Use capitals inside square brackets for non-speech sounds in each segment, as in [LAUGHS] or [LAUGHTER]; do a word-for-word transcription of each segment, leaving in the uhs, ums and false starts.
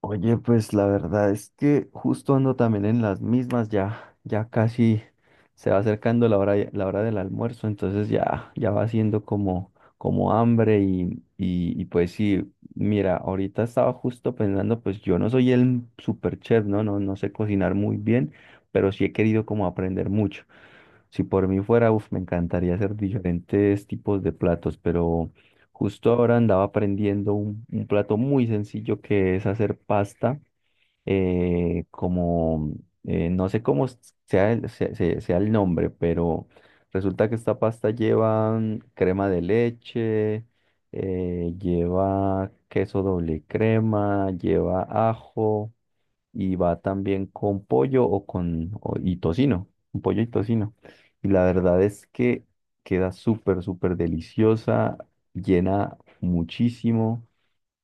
Oye, pues la verdad es que justo ando también en las mismas, ya, ya casi se va acercando la hora, la hora del almuerzo, entonces ya, ya va siendo como, como hambre y, y, y pues sí, mira, ahorita estaba justo pensando, pues yo no soy el super chef, ¿no? No, no sé cocinar muy bien, pero sí he querido como aprender mucho. Si por mí fuera, uf, me encantaría hacer diferentes tipos de platos, pero justo ahora andaba aprendiendo un, un plato muy sencillo que es hacer pasta, eh, como, eh, no sé cómo s- sea el, se- se- sea el nombre, pero resulta que esta pasta lleva mm, crema de leche, eh, lleva queso doble crema, lleva ajo y va también con pollo o con o- y tocino, con pollo y tocino. Y la verdad es que queda súper, súper deliciosa, llena muchísimo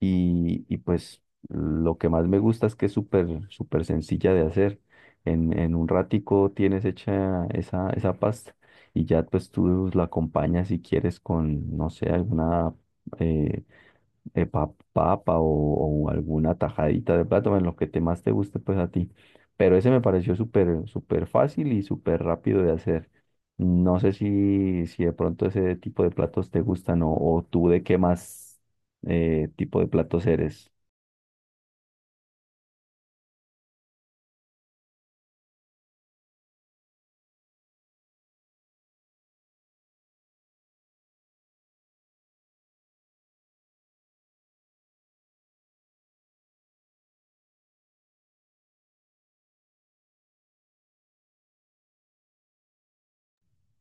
y, y pues lo que más me gusta es que es súper, súper sencilla de hacer. En, en un ratico tienes hecha esa, esa pasta y ya pues tú la acompañas si quieres con, no sé, alguna... eh, eh, pa- papa o, o alguna tajadita de plátano, en lo que te más te guste, pues a ti. Pero ese me pareció súper, súper fácil y súper rápido de hacer. No sé si, si de pronto ese tipo de platos te gustan o, o tú de qué más eh, tipo de platos eres.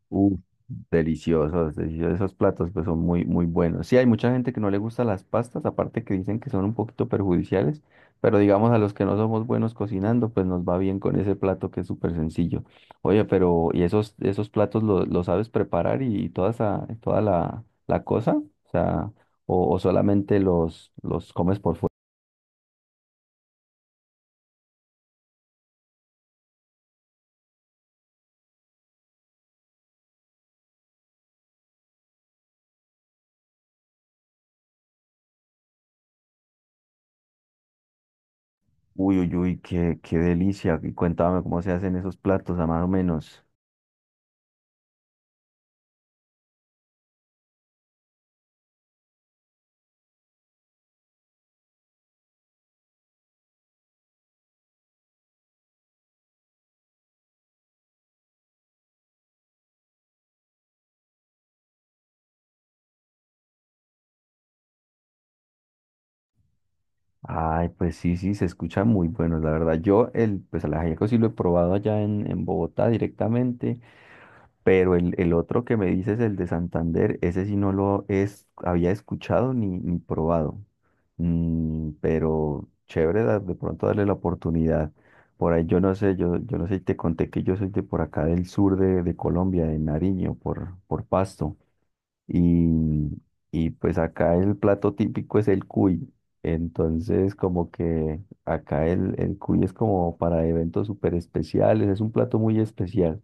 Uf, deliciosos, deliciosos. Esos platos pues son muy, muy buenos. Sí, hay mucha gente que no le gusta las pastas, aparte que dicen que son un poquito perjudiciales, pero digamos a los que no somos buenos cocinando, pues nos va bien con ese plato que es súper sencillo. Oye, pero ¿y esos, esos platos lo, lo sabes preparar y toda esa, toda la, la cosa? O sea, o, o solamente los, los comes por fuera. Uy, uy, uy, qué, qué delicia. Y cuéntame cómo se hacen esos platos, a más o menos. Ay, pues sí, sí, se escucha muy bueno, la verdad. Yo el, pues el ajiaco sí lo he probado allá en, en Bogotá directamente, pero el, el otro que me dices, el de Santander, ese sí no lo es, había escuchado ni, ni probado. Mm, pero chévere da- de pronto darle la oportunidad. Por ahí yo no sé, yo, yo no sé si te conté que yo soy de por acá del sur de, de Colombia, de Nariño, por, por Pasto. Y, y pues acá el plato típico es el cuy. Entonces, como que acá el, el cuy es como para eventos súper especiales, es un plato muy especial.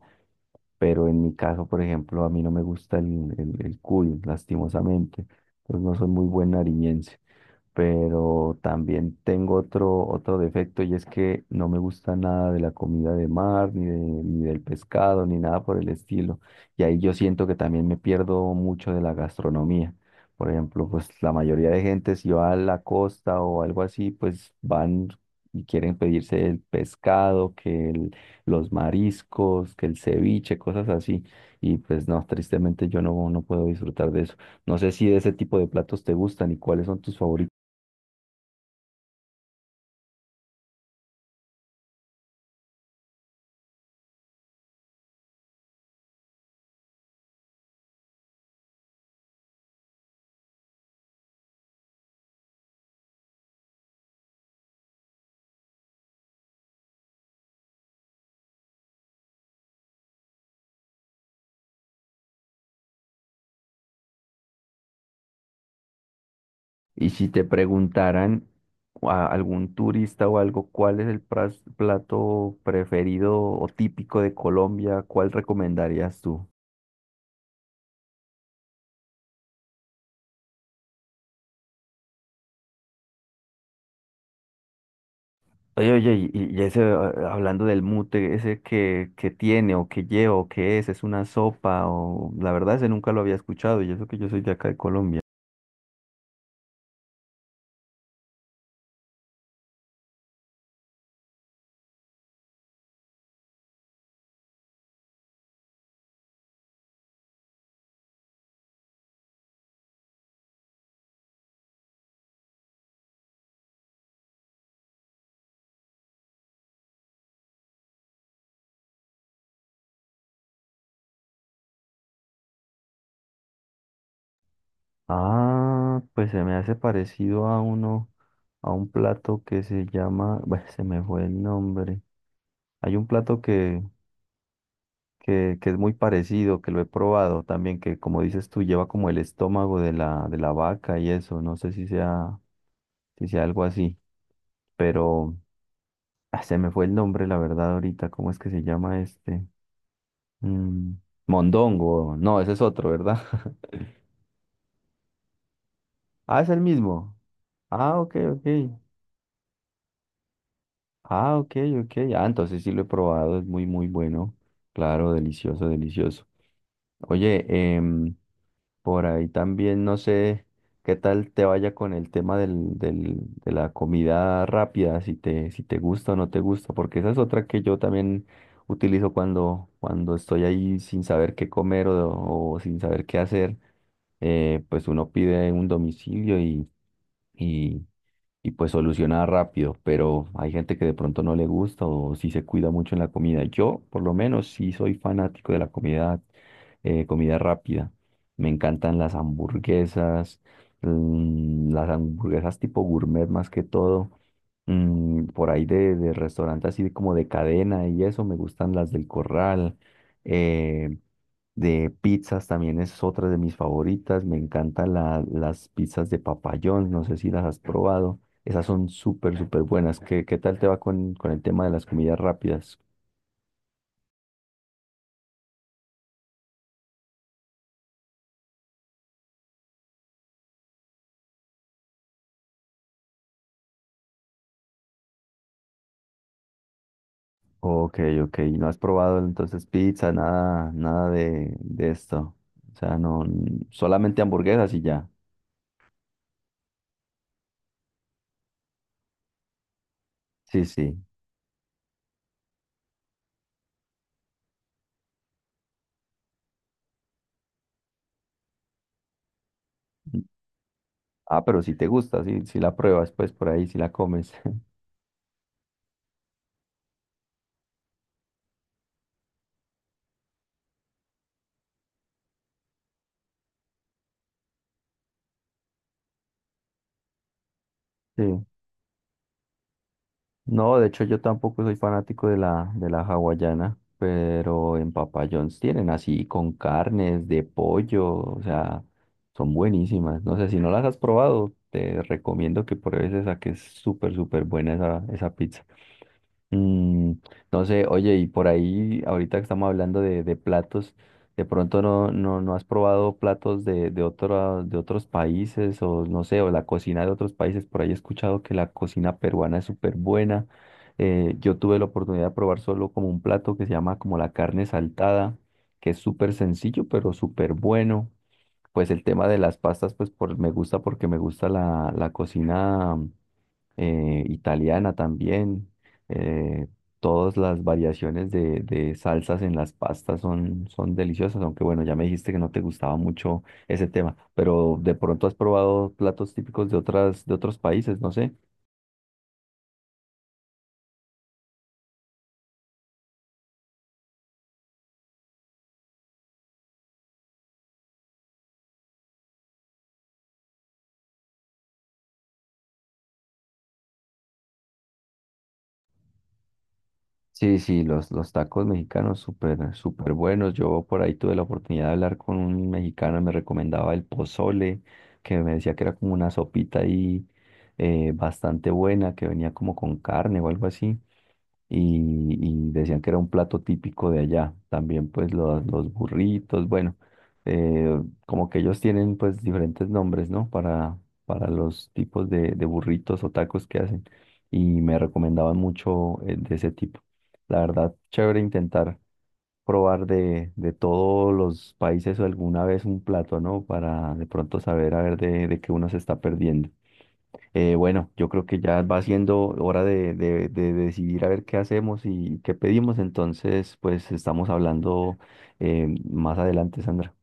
Pero en mi caso, por ejemplo, a mí no me gusta el, el, el cuy, lastimosamente. Pues no soy muy buen nariñense, pero también tengo otro, otro defecto y es que no me gusta nada de la comida de mar, ni, de- ni del pescado, ni nada por el estilo. Y ahí yo siento que también me pierdo mucho de la gastronomía. Por ejemplo, pues la mayoría de gente si va a la costa o algo así, pues van y quieren pedirse el pescado, que el- los mariscos, que el ceviche, cosas así. Y pues no, tristemente yo no, no puedo disfrutar de eso. No sé si de ese tipo de platos te gustan y cuáles son tus favoritos. Y si te preguntaran a algún turista o algo, ¿cuál es el pras- plato preferido o típico de Colombia? ¿Cuál recomendarías tú? Oye, oye, y, y ese, ah, hablando del mute, ese que, que tiene o que lleva o que es, es una sopa o la verdad ese nunca lo había escuchado y eso que yo soy de acá de Colombia. Ah, pues se me hace parecido a uno, a un plato que se llama, bueno, se me fue el nombre. Hay un plato que, que, que es muy parecido, que lo he probado también, que como dices tú, lleva como el estómago de la, de la vaca y eso, no sé si sea, si sea algo así, pero ah, se me fue el nombre, la verdad, ahorita, ¿cómo es que se llama este? Mm, mondongo, no, ese es otro, ¿verdad? [LAUGHS] Ah, es el mismo. Ah, ok, ok. Ah, ok, ok. Ah, entonces sí lo he probado, es muy, muy bueno. Claro, delicioso, delicioso. Oye, eh, por ahí también no sé qué tal te vaya con el tema del, del- de la comida rápida, si te, si te gusta o no te gusta, porque esa es otra que yo también utilizo cuando, cuando estoy ahí sin saber qué comer o, o sin saber qué hacer, eh, pues uno pide un domicilio y, y pues soluciona rápido, pero hay gente que de pronto no le gusta o si se cuida mucho en la comida. Yo, por lo menos, sí soy fanático de la comida, eh, comida rápida. Me encantan las hamburguesas, mm, las hamburguesas tipo gourmet más que todo. Mm, por ahí de, de restaurante así de como de cadena y eso, me gustan las del Corral. Eh, de pizzas también es otra de mis favoritas. Me encantan la- las pizzas de papayón, no sé si las has probado. Esas son súper, súper buenas. ¿Qué, qué tal te va con, con el tema de las comidas rápidas? Ok, ok. ¿No has probado entonces pizza, nada, nada de, de esto? O sea, no, solamente hamburguesas y ya. Sí, sí. Ah, pero si te gusta, si, si la pruebas, pues por ahí, si la comes. [LAUGHS] Sí. No, de hecho yo tampoco soy fanático de la, de la hawaiana, pero en Papa John's tienen así con carnes de pollo, o sea, son buenísimas. No sé, si no las has probado, te recomiendo que pruebes esa, que es súper, súper buena esa, esa pizza. Mm, no sé, oye, y por ahí, ahorita que estamos hablando de, de platos, de pronto no, no, no has probado platos de, de otra- de otros países, o no sé, o la cocina de otros países, por ahí he escuchado que la cocina peruana es súper buena. Eh, yo tuve la oportunidad de probar solo como un plato que se llama como la carne saltada, que es súper sencillo, pero súper bueno. Pues el tema de las pastas, pues por, me gusta porque me gusta la, la cocina eh, italiana también. eh, Todas las variaciones de, de salsas en las pastas son, son deliciosas, aunque bueno, ya me dijiste que no te gustaba mucho ese tema, pero de pronto has probado platos típicos de otras, de otros países, no sé. Sí, sí, los, los tacos mexicanos súper, súper buenos. Yo por ahí tuve la oportunidad de hablar con un mexicano, me recomendaba el pozole, que me decía que era como una sopita ahí eh, bastante buena, que venía como con carne o algo así. Y, y decían que era un plato típico de allá. También pues los, los burritos, bueno, eh, como que ellos tienen pues diferentes nombres, ¿no? Para, para los tipos de, de burritos o tacos que hacen. Y me recomendaban mucho eh, de ese tipo. La verdad, chévere intentar probar de, de todos los países o alguna vez un plato, ¿no? Para de pronto saber a ver de, de qué uno se está perdiendo. Eh, bueno, yo creo que ya va siendo hora de, de, de decidir a ver qué hacemos y qué pedimos. Entonces, pues estamos hablando eh, más adelante, Sandra.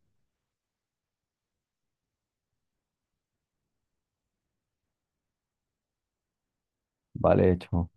Vale, hecho.